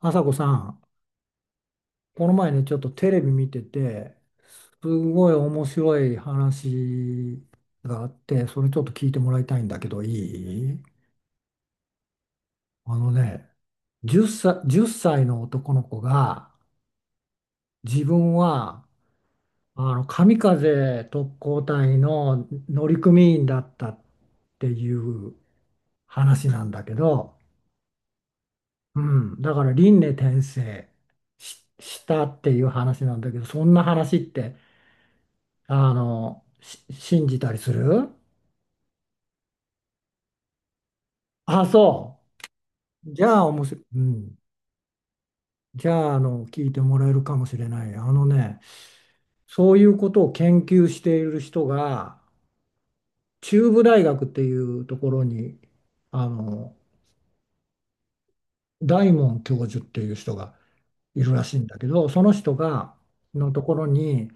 朝子さん、この前ね、ちょっとテレビ見てて、すごい面白い話があって、それちょっと聞いてもらいたいんだけど、いいあのね、10歳、1歳の男の子が、自分は、神風特攻隊の乗組員だったっていう話なんだけど、うん、だから輪廻転生し、したっていう話なんだけど、そんな話って、信じたりする。あ、そう。じゃあ、おもし、うん。じゃあ、聞いてもらえるかもしれない。あのね、そういうことを研究している人が、中部大学っていうところに、あの、大門教授っていう人がいるらしいんだけど、その人が、のところに、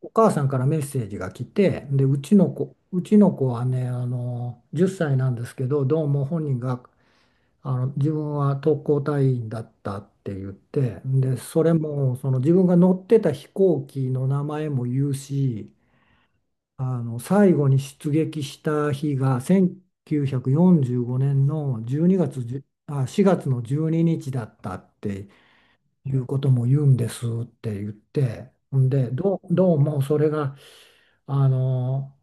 お母さんからメッセージが来て、で、うちの子はね、10歳なんですけど、どうも本人が、あの自分は特攻隊員だったって言って、でそれもその自分が乗ってた飛行機の名前も言うし、あの最後に出撃した日が1945年の12月じゅあ4月の12日だったっていうことも言うんですって言って、んでどうもそれがあの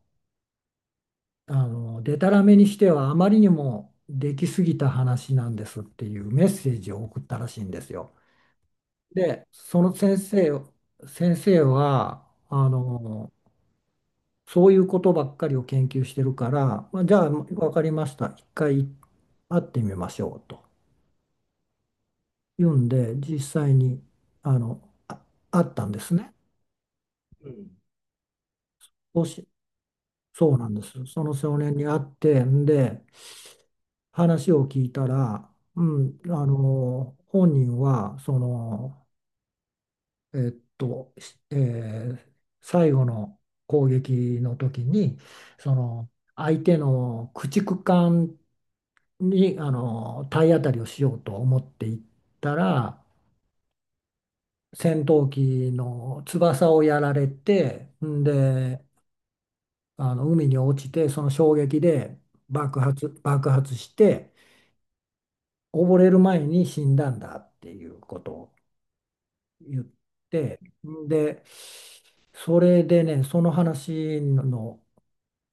あのでたらめにしてはあまりにもできすぎた話なんですっていうメッセージを送ったらしいんですよ。で、先生は、そういうことばっかりを研究してるから、まあ、じゃあ分かりました、一回会ってみましょうと言うんで、実際にあの、あ、会ったんですね。うん。そうし、そうなんです。その少年に会って、んで、話を聞いたら、うん、本人は、その、えっと、しえー最後の攻撃の時にその相手の駆逐艦にあの体当たりをしようと思っていったら、戦闘機の翼をやられて、んであの海に落ちてその衝撃で爆発して、溺れる前に死んだんだっていうことを言って、んでそれでね、その話の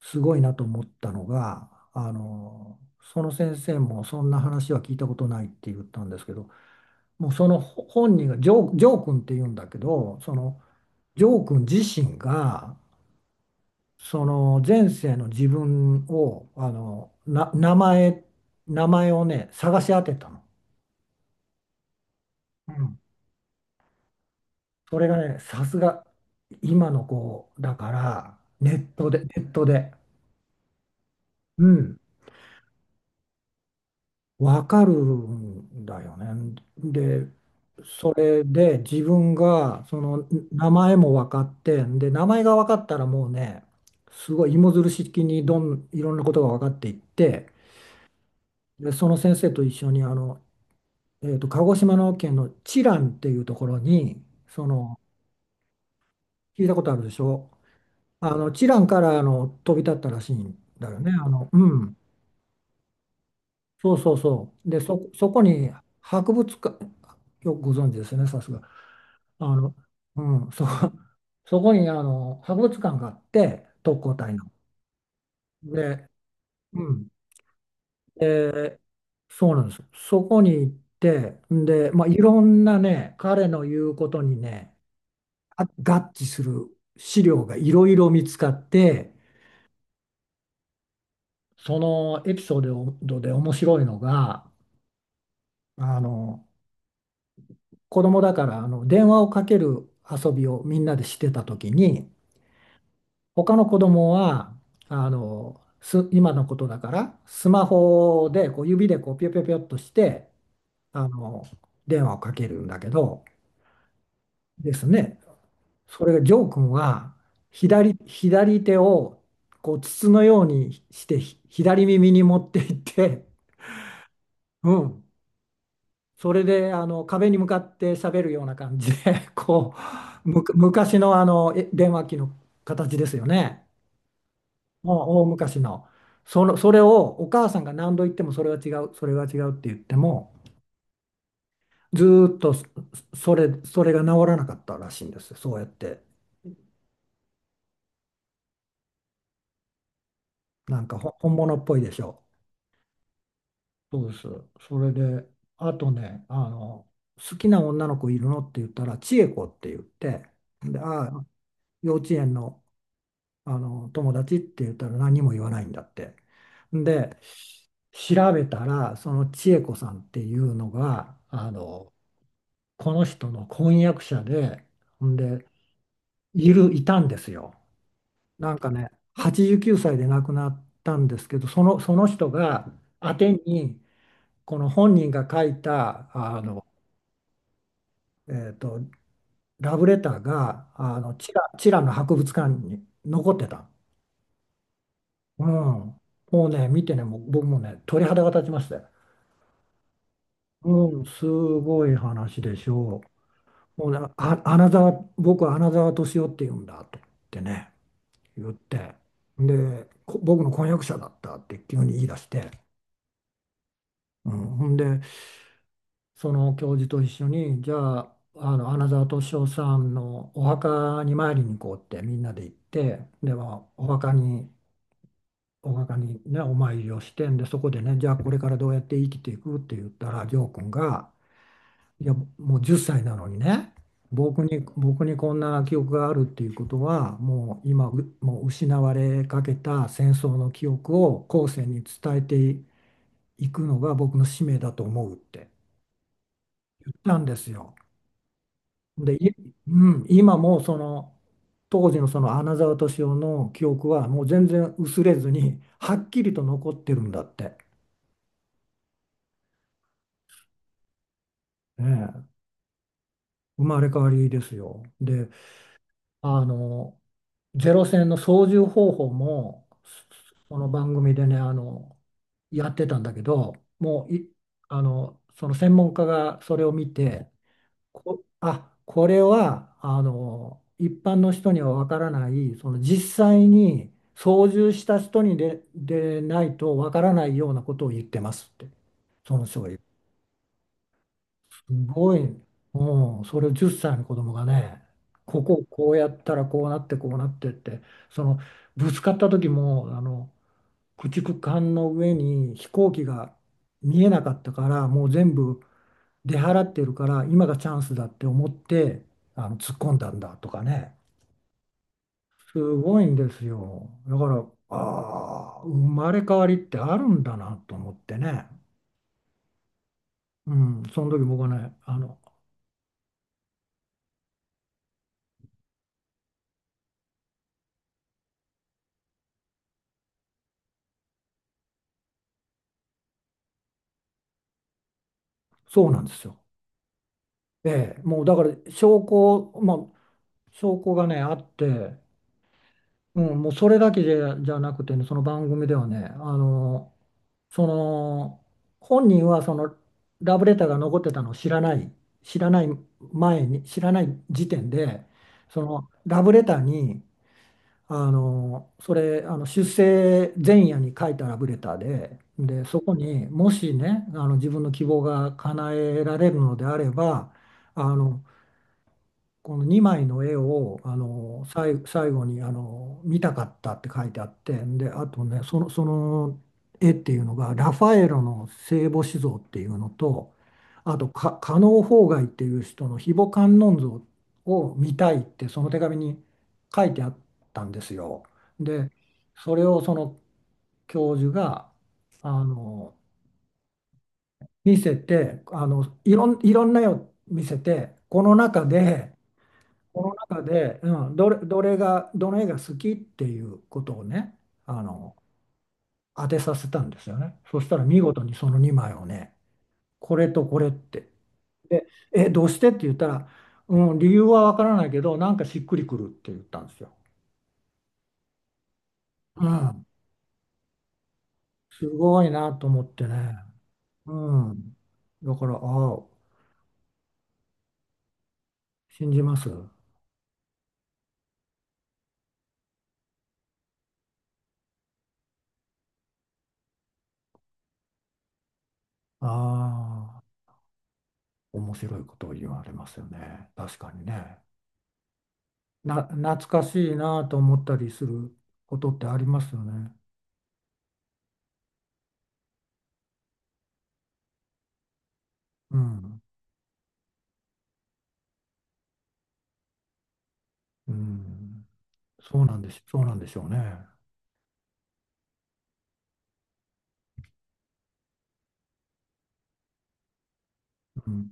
すごいなと思ったのが、その先生もそんな話は聞いたことないって言ったんですけど、もうそのほ本人が、ジョー君って言うんだけど、そのジョー君自身が、その前世の自分を、名前、名前をね、探し当てたの。うん、それがね、さすが今の子だから、ネットで。うん。わかるんだよね。で、それで自分がその名前も分かって、で、名前が分かったらもうね、すごい芋づる式にいろんなことが分かっていって、で、その先生と一緒に鹿児島の県の知覧っていうところに、その、聞いたことあるでしょ。知覧からあの飛び立ったらしいんだよね。あの、うん。そうそうそう。で、そこに博物館、よくご存知ですね、さすが。あの、うん、そ、そこにあの博物館があって、特攻隊の。で、うん、で、そうなんです。そこに行って、んで、まあ、いろんなね、彼の言うことにね、合致する資料がいろいろ見つかって、そのエピソードで面白いのが、あの、子供だからあの電話をかける遊びをみんなでしてた時に、他の子供はあのす今のことだからスマホでこう指でこうピョピョピョっとしてあの電話をかけるんだけど、ですね、それがジョー君は左手をこう筒のようにして左耳に持っていって、うん、それであの壁に向かって喋るような感じでこうむ昔の、あのえ電話機の形ですよね。もう大昔の。その、それをお母さんが何度言ってもそれは違う、それは違うって言っても、ずーっとそれが治らなかったらしいんです。そうやって。なんか本物っぽいでしょう。そうです。それで、あとね、好きな女の子いるのって言ったら、千恵子って言って、で、ああ、幼稚園の、あの友達って言ったら何も言わないんだって。で、調べたら、その千恵子さんっていうのが、この人の婚約者で、ほんで、いたんですよ。なんかね、89歳で亡くなったんですけど、その、その人が宛てに、この本人が書いた、えーと、ラブレターが、チラの博物館に残ってた。うん。もうね、見てね、もう僕もね、鳥肌が立ちましたよ。うん、すごい話でしょう。もうね、あ、アナザー、僕はアナザー敏夫って言うんだと思ってね。言って、で、僕の婚約者だったって急に言い出して、うん、ほんで、その教授と一緒に、じゃあ、あの穴沢敏夫さんのお墓に参りに行こうってみんなで行って、で、まあ、お墓にね、お参りをして、んで、そこでね、じゃあこれからどうやって生きていくって言ったら、ジョー君が、いや、もう10歳なのにね、僕にこんな記憶があるっていうことは、もう失われかけた戦争の記憶を後世に伝えていくのが僕の使命だと思うって言ったんですよ。で、うん、今もその当時のその穴沢敏夫の記憶はもう全然薄れずにはっきりと残ってるんだって、ええ、生まれ変わりですよ。であの、ゼロ戦の操縦方法も、この番組でね、やってたんだけど、もうい、あの、その専門家がそれを見て、これは、一般の人にはわからない、その実際に操縦した人にでないとわからないようなことを言ってますって、その人がすごい、うん、それを10歳の子供がね、ここをこうやったらこうなってこうなってって、そのぶつかった時もあの駆逐艦の上に飛行機が見えなかったからもう全部出払ってるから今がチャンスだって思ってあの突っ込んだんだとかね、すごいんですよ。だから、ああ、生まれ変わりってあるんだなと思ってね、うん、その時僕はね、そうなんですよ。ええ、もうだから証拠、まあ、証拠がね、あって、うん、もうそれだけじゃ、じゃなくてね、その番組ではね、その、本人はそのラブレターが残ってたのを知らない前に、知らない時点で、そのラブレターに、あの、それ、あの出生前夜に書いたラブレターで、で、そこにもしね、あの自分の希望が叶えられるのであれば、あのこの2枚の絵をあの最後にあの見たかったって書いてあって、であとねその、その絵っていうのがラファエロの聖母子像っていうのと、あとか加納芳崖っていう人の非母観音像を見たいってその手紙に書いてあったんですよ。でそれをその教授があの見せて、いろんな絵を見せてこの中で。この中で、うん、どの絵が好きっていうことをね、あの、当てさせたんですよね。そしたら見事にその2枚をね、これとこれって。で、どうしてって言ったら、うん、理由はわからないけど、なんかしっくりくるって言ったんですよ。うん、すごいなと思ってね。うん。だから、ああ、信じます。ああ、面白いことを言われますよね。確かにね。懐かしいなと思ったりすることってありますよね。うん。うん。そうなんでしょうね。うん。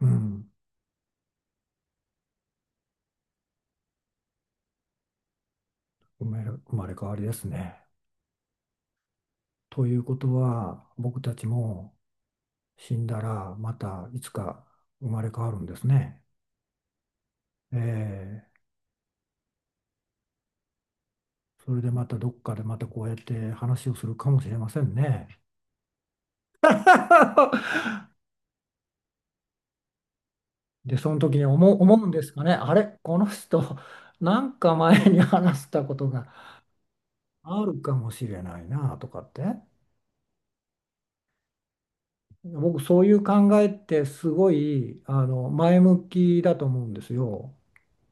うん。生まれ、生まれ変わりですね。ということは、僕たちも死んだら、またいつか生まれ変わるんですね。ええ。それでまたどっかでまたこうやって話をするかもしれませんね。で、その時に思うんですかね。あれ、この人、なんか前に話したことがあるかもしれないなとかって。僕そういう考えってすごい前向きだと思うんですよ。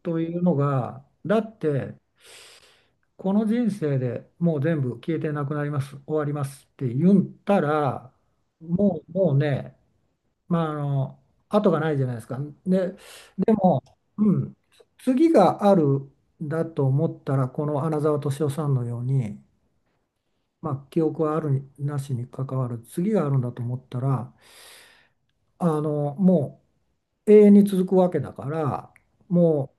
というのがだってこの人生でもう全部消えてなくなります終わりますって言ったらもうね、まあ、後がないじゃないですか。で、でも、うん、次があるんだと思ったらこの穴澤敏夫さんのように、まあ、記憶はあるになしに関わる次があるんだと思ったらもう永遠に続くわけだから、も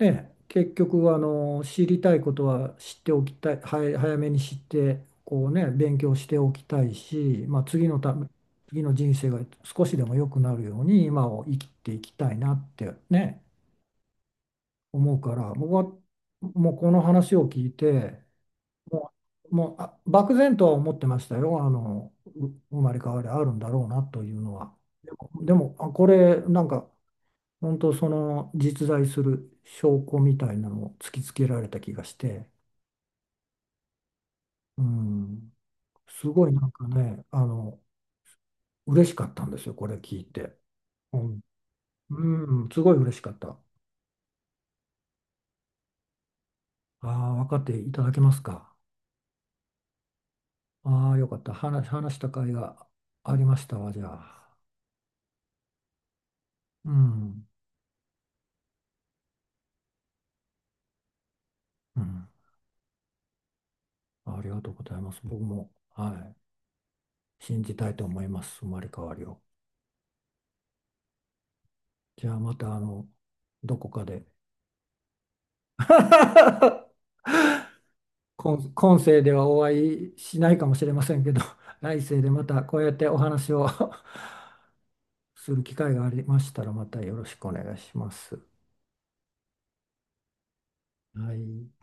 うね、結局知りたいことは知っておきたい、はい、早めに知ってこうね、勉強しておきたいし、まあ、次のため、次の人生が少しでも良くなるように今を生きていきたいなってね、思うから、僕はもうこの話を聞いてももう漠然とは思ってましたよ、あのう生まれ変わりあるんだろうなというのは。でもこれなんか本当その実在する証拠みたいなのを突きつけられた気がして、うん、すごいなんかね、嬉しかったんですよ、これ聞いて。うん、うんすごい嬉しかった。ああ、分かっていただけますか。ああ、よかった。話した甲斐がありましたわ、じゃあ。うん、うん、ありがとうございます。僕も、はい、信じたいと思います、生まれ変わりを。じゃあ、また、どこかで。今世ではお会いしないかもしれませんけど、来世でまたこうやってお話を する機会がありましたら、またよろしくお願いします。はい。